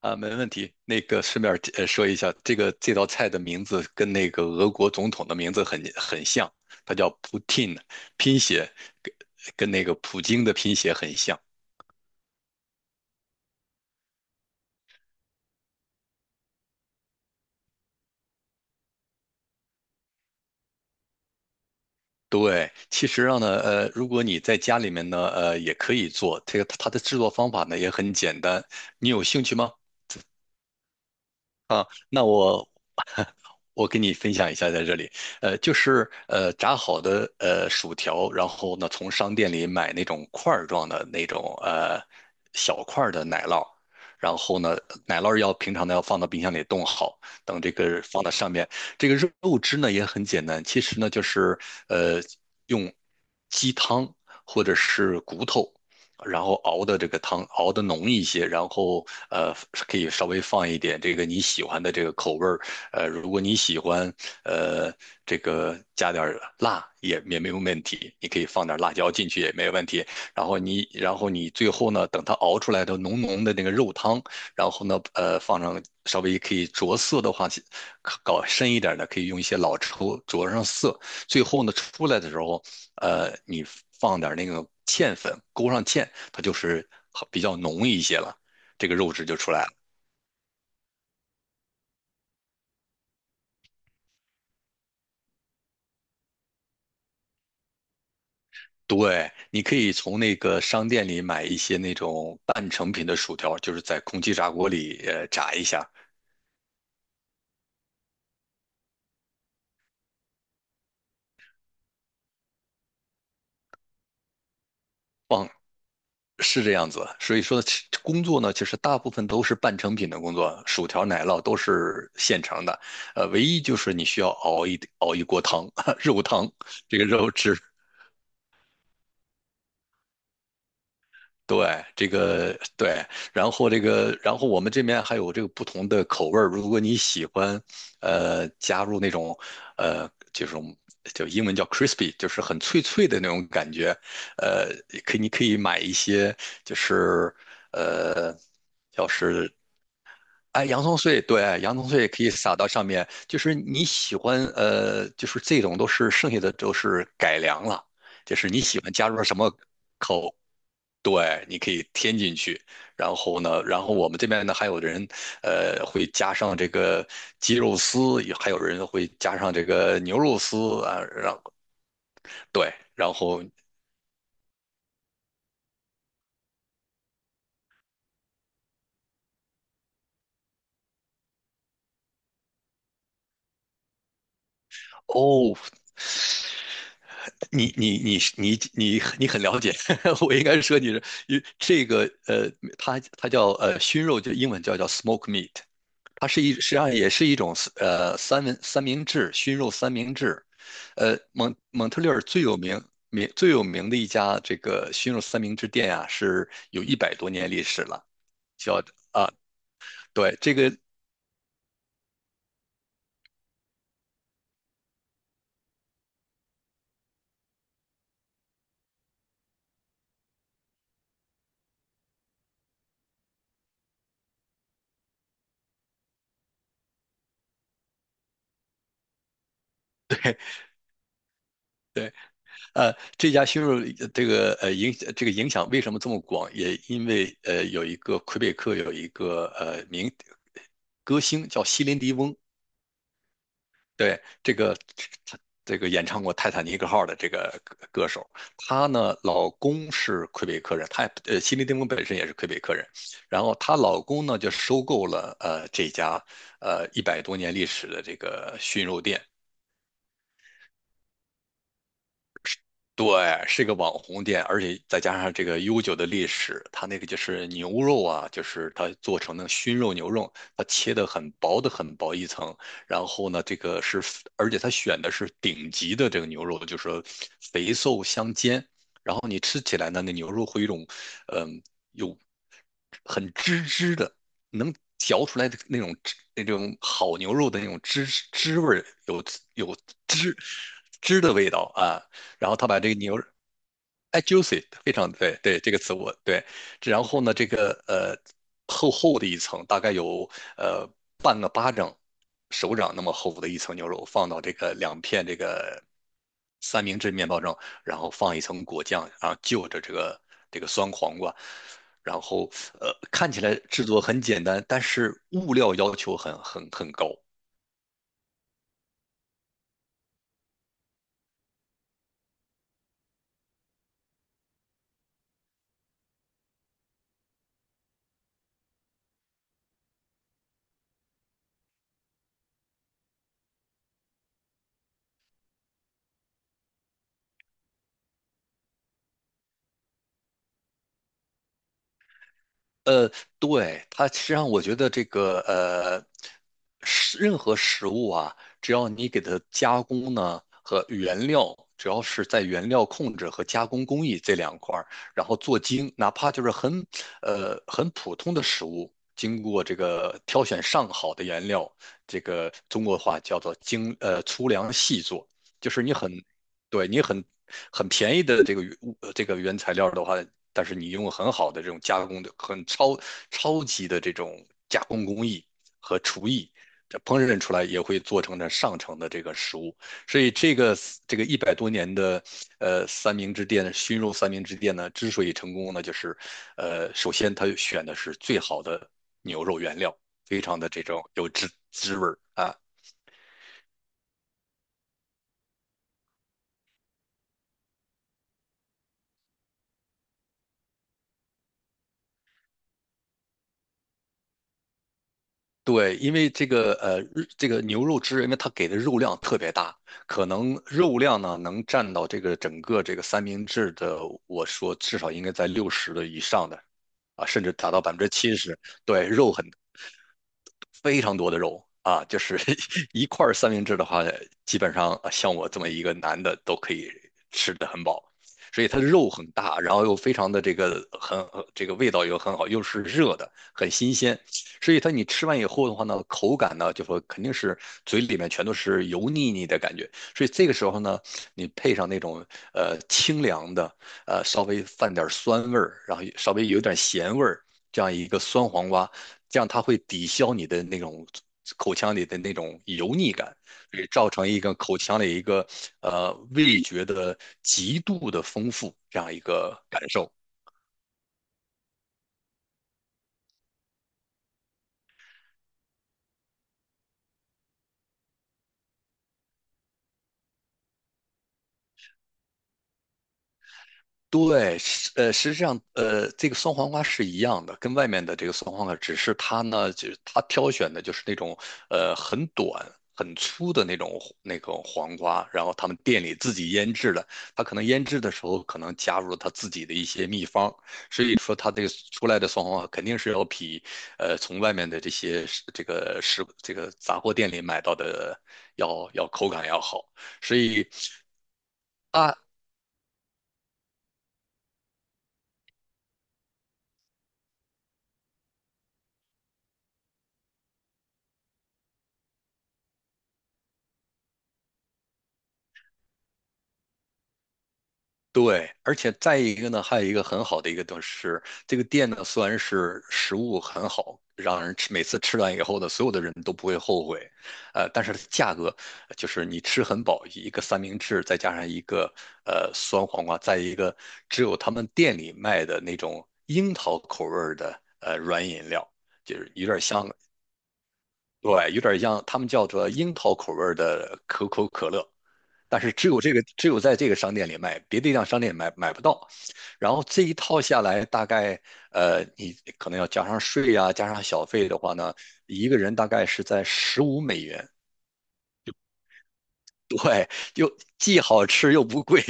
啊，没问题。那个顺便说一下，这道菜的名字跟那个俄国总统的名字很像，它叫 Putin，拼写跟跟那个普京的拼写很像。对，其实上呢，如果你在家里面呢，也可以做。这个它的制作方法呢也很简单，你有兴趣吗？啊，那我 我给你分享一下，在这里，呃，就是炸好的薯条，然后呢从商店里买那种块儿状的那种小块儿的奶酪，然后呢奶酪要平常的要放到冰箱里冻好，等这个放到上面，这个肉汁呢也很简单，其实呢就是呃用鸡汤或者是骨头。然后熬的这个汤熬的浓一些，然后呃可以稍微放一点这个你喜欢的这个口味儿，呃，如果你喜欢呃这个加点儿辣也没有问题，你可以放点辣椒进去也没有问题。然后你最后呢，等它熬出来的浓浓的那个肉汤，然后呢放上稍微可以着色的话，搞深一点的可以用一些老抽着上色，最后呢出来的时候。呃，你放点那个芡粉，勾上芡，它就是好比较浓一些了，这个肉质就出来了。对，你可以从那个商店里买一些那种半成品的薯条，就是在空气炸锅里炸一下，放是这样子。所以说其工作呢，其实大部分都是半成品的工作，薯条、奶酪都是现成的，呃，唯一就是你需要熬一锅汤，肉汤，这个肉汁。对，这个对，然后这个，然后我们这边还有这个不同的口味儿。如果你喜欢，呃，加入那种，呃，这种就英文叫 crispy，就是很脆脆的那种感觉，呃，你可以买一些，就是呃，要是洋葱碎，对，洋葱碎可以撒到上面，就是你喜欢，呃，就是这种都是剩下的都是改良了。就是你喜欢加入什么对，你可以添进去，然后呢，然后我们这边呢还有人，呃，会加上这个鸡肉丝，也还有人会加上这个牛肉丝啊，然后对，然后哦，你很了解，我应该说你是，因为这个呃，它它叫熏肉，就英文叫 smoke meat，它是实际上也是一种三明治熏肉三明治，蒙特利尔最有名的一家这个熏肉三明治店啊，是有一百多年历史了，叫啊对这个这家熏肉这个这个影响为什么这么广，也因为有一个魁北克有一个名歌星叫席林迪翁，对，这个这这个演唱过《泰坦尼克号》的这个歌手，她呢，老公是魁北克人，她，西琳·迪翁本身也是魁北克人，然后她老公呢就收购了这家一百多年历史的这个熏肉店，对，是个网红店，而且再加上这个悠久的历史，它那个就是牛肉啊，就是它做成的熏肉牛肉，它切的很薄的很薄一层，然后呢，这个是，而且它选的是顶级的这个牛肉，就是说肥瘦相间，然后你吃起来呢，那牛肉会有一种，嗯，有很汁汁的，能嚼出来的那种汁那种好牛肉的那种汁汁味儿，有汁汁的味道啊。然后他把这个牛juicy 非常对这个词我对，然后呢这个厚厚的一层，大概有呃半个巴掌手掌那么厚的一层牛肉，放到这个两片这个三明治面包上，然后放一层果酱，然后就着这个酸黄瓜。然后，看起来制作很简单，但是物料要求很高。呃，对，它实际上我觉得这个呃，任何食物啊，只要你给它加工呢和原料，只要是在原料控制和加工工艺这两块儿，然后做精，哪怕就是很普通的食物，经过这个挑选上好的原料，这个中国话叫做粗粮细做，就是你很对你很很便宜的这个这个原材料的话，但是你用很好的这种加工的、超级的这种加工工艺和厨艺，这烹饪出来也会做成这上乘的这个食物。所以这个这个一百多年的呃三明治店熏肉三明治店呢，之所以成功呢，就是首先它选的是最好的牛肉原料，非常的这种有滋滋味儿啊。对，因为这个，这个牛肉汁，因为它给的肉量特别大，可能肉量呢能占到这个整个这个三明治的，我说至少应该在60的以上的，啊，甚至达到70%，对，非常多的肉啊，就是 一块儿三明治的话，基本上啊像我这么一个男的都可以吃得很饱，所以它的肉很大，然后又非常的这个这个味道又很好，又是热的，很新鲜，所以它你吃完以后的话呢，口感呢就说肯定是嘴里面全都是油腻腻的感觉，所以这个时候呢，你配上那种清凉的。呃，稍微泛点酸味儿，然后稍微有点咸味儿，这样一个酸黄瓜，这样它会抵消你的那种口腔里的那种油腻感，也造成一个口腔里一个味觉的极度的丰富这样一个感受。对，是，实际上，呃，这个酸黄瓜是一样的，跟外面的这个酸黄瓜，只是它呢，就是它挑选的就是那种很短、很粗的那种黄瓜，然后他们店里自己腌制的，它可能腌制的时候可能加入了它自己的一些秘方，所以说它这个出来的酸黄瓜肯定是要比从外面的这些这个食这个杂货店里买到的口感要好。所以啊。对，而且再一个呢，还有一个很好的一个东西是，这个店呢虽然是食物很好，让人每次吃完以后呢，所有的人都不会后悔，呃，但是它价格就是你吃很饱，一个三明治再加上一个酸黄瓜，再一个只有他们店里卖的那种樱桃口味儿的软饮料，就是有点像，对，有点像他们叫做樱桃口味儿的可口可乐，但是只有在这个商店里卖，别的地方商店不到。然后这一套下来，大概你可能要加上税呀，加上小费的话呢，一个人大概是在$15。对，又既好吃又不贵。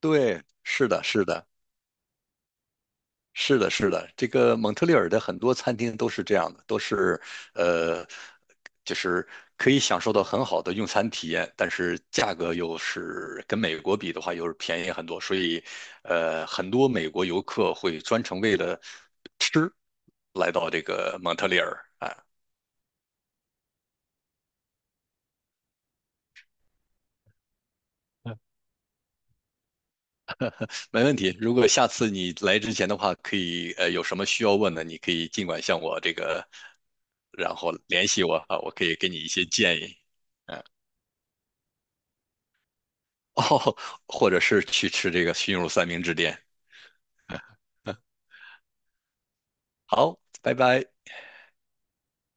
对，是的，是的。是的，是的，这个蒙特利尔的很多餐厅都是这样的，都是呃，就是可以享受到很好的用餐体验，但是价格又是跟美国比的话又是便宜很多，所以呃，很多美国游客会专程为了吃来到这个蒙特利尔啊，没问题。如果下次你来之前的话，可以有什么需要问的，你可以尽管向我这个，然后联系我啊，我可以给你一些建议。哦，或者是去吃这个熏肉三明治店。好，拜拜。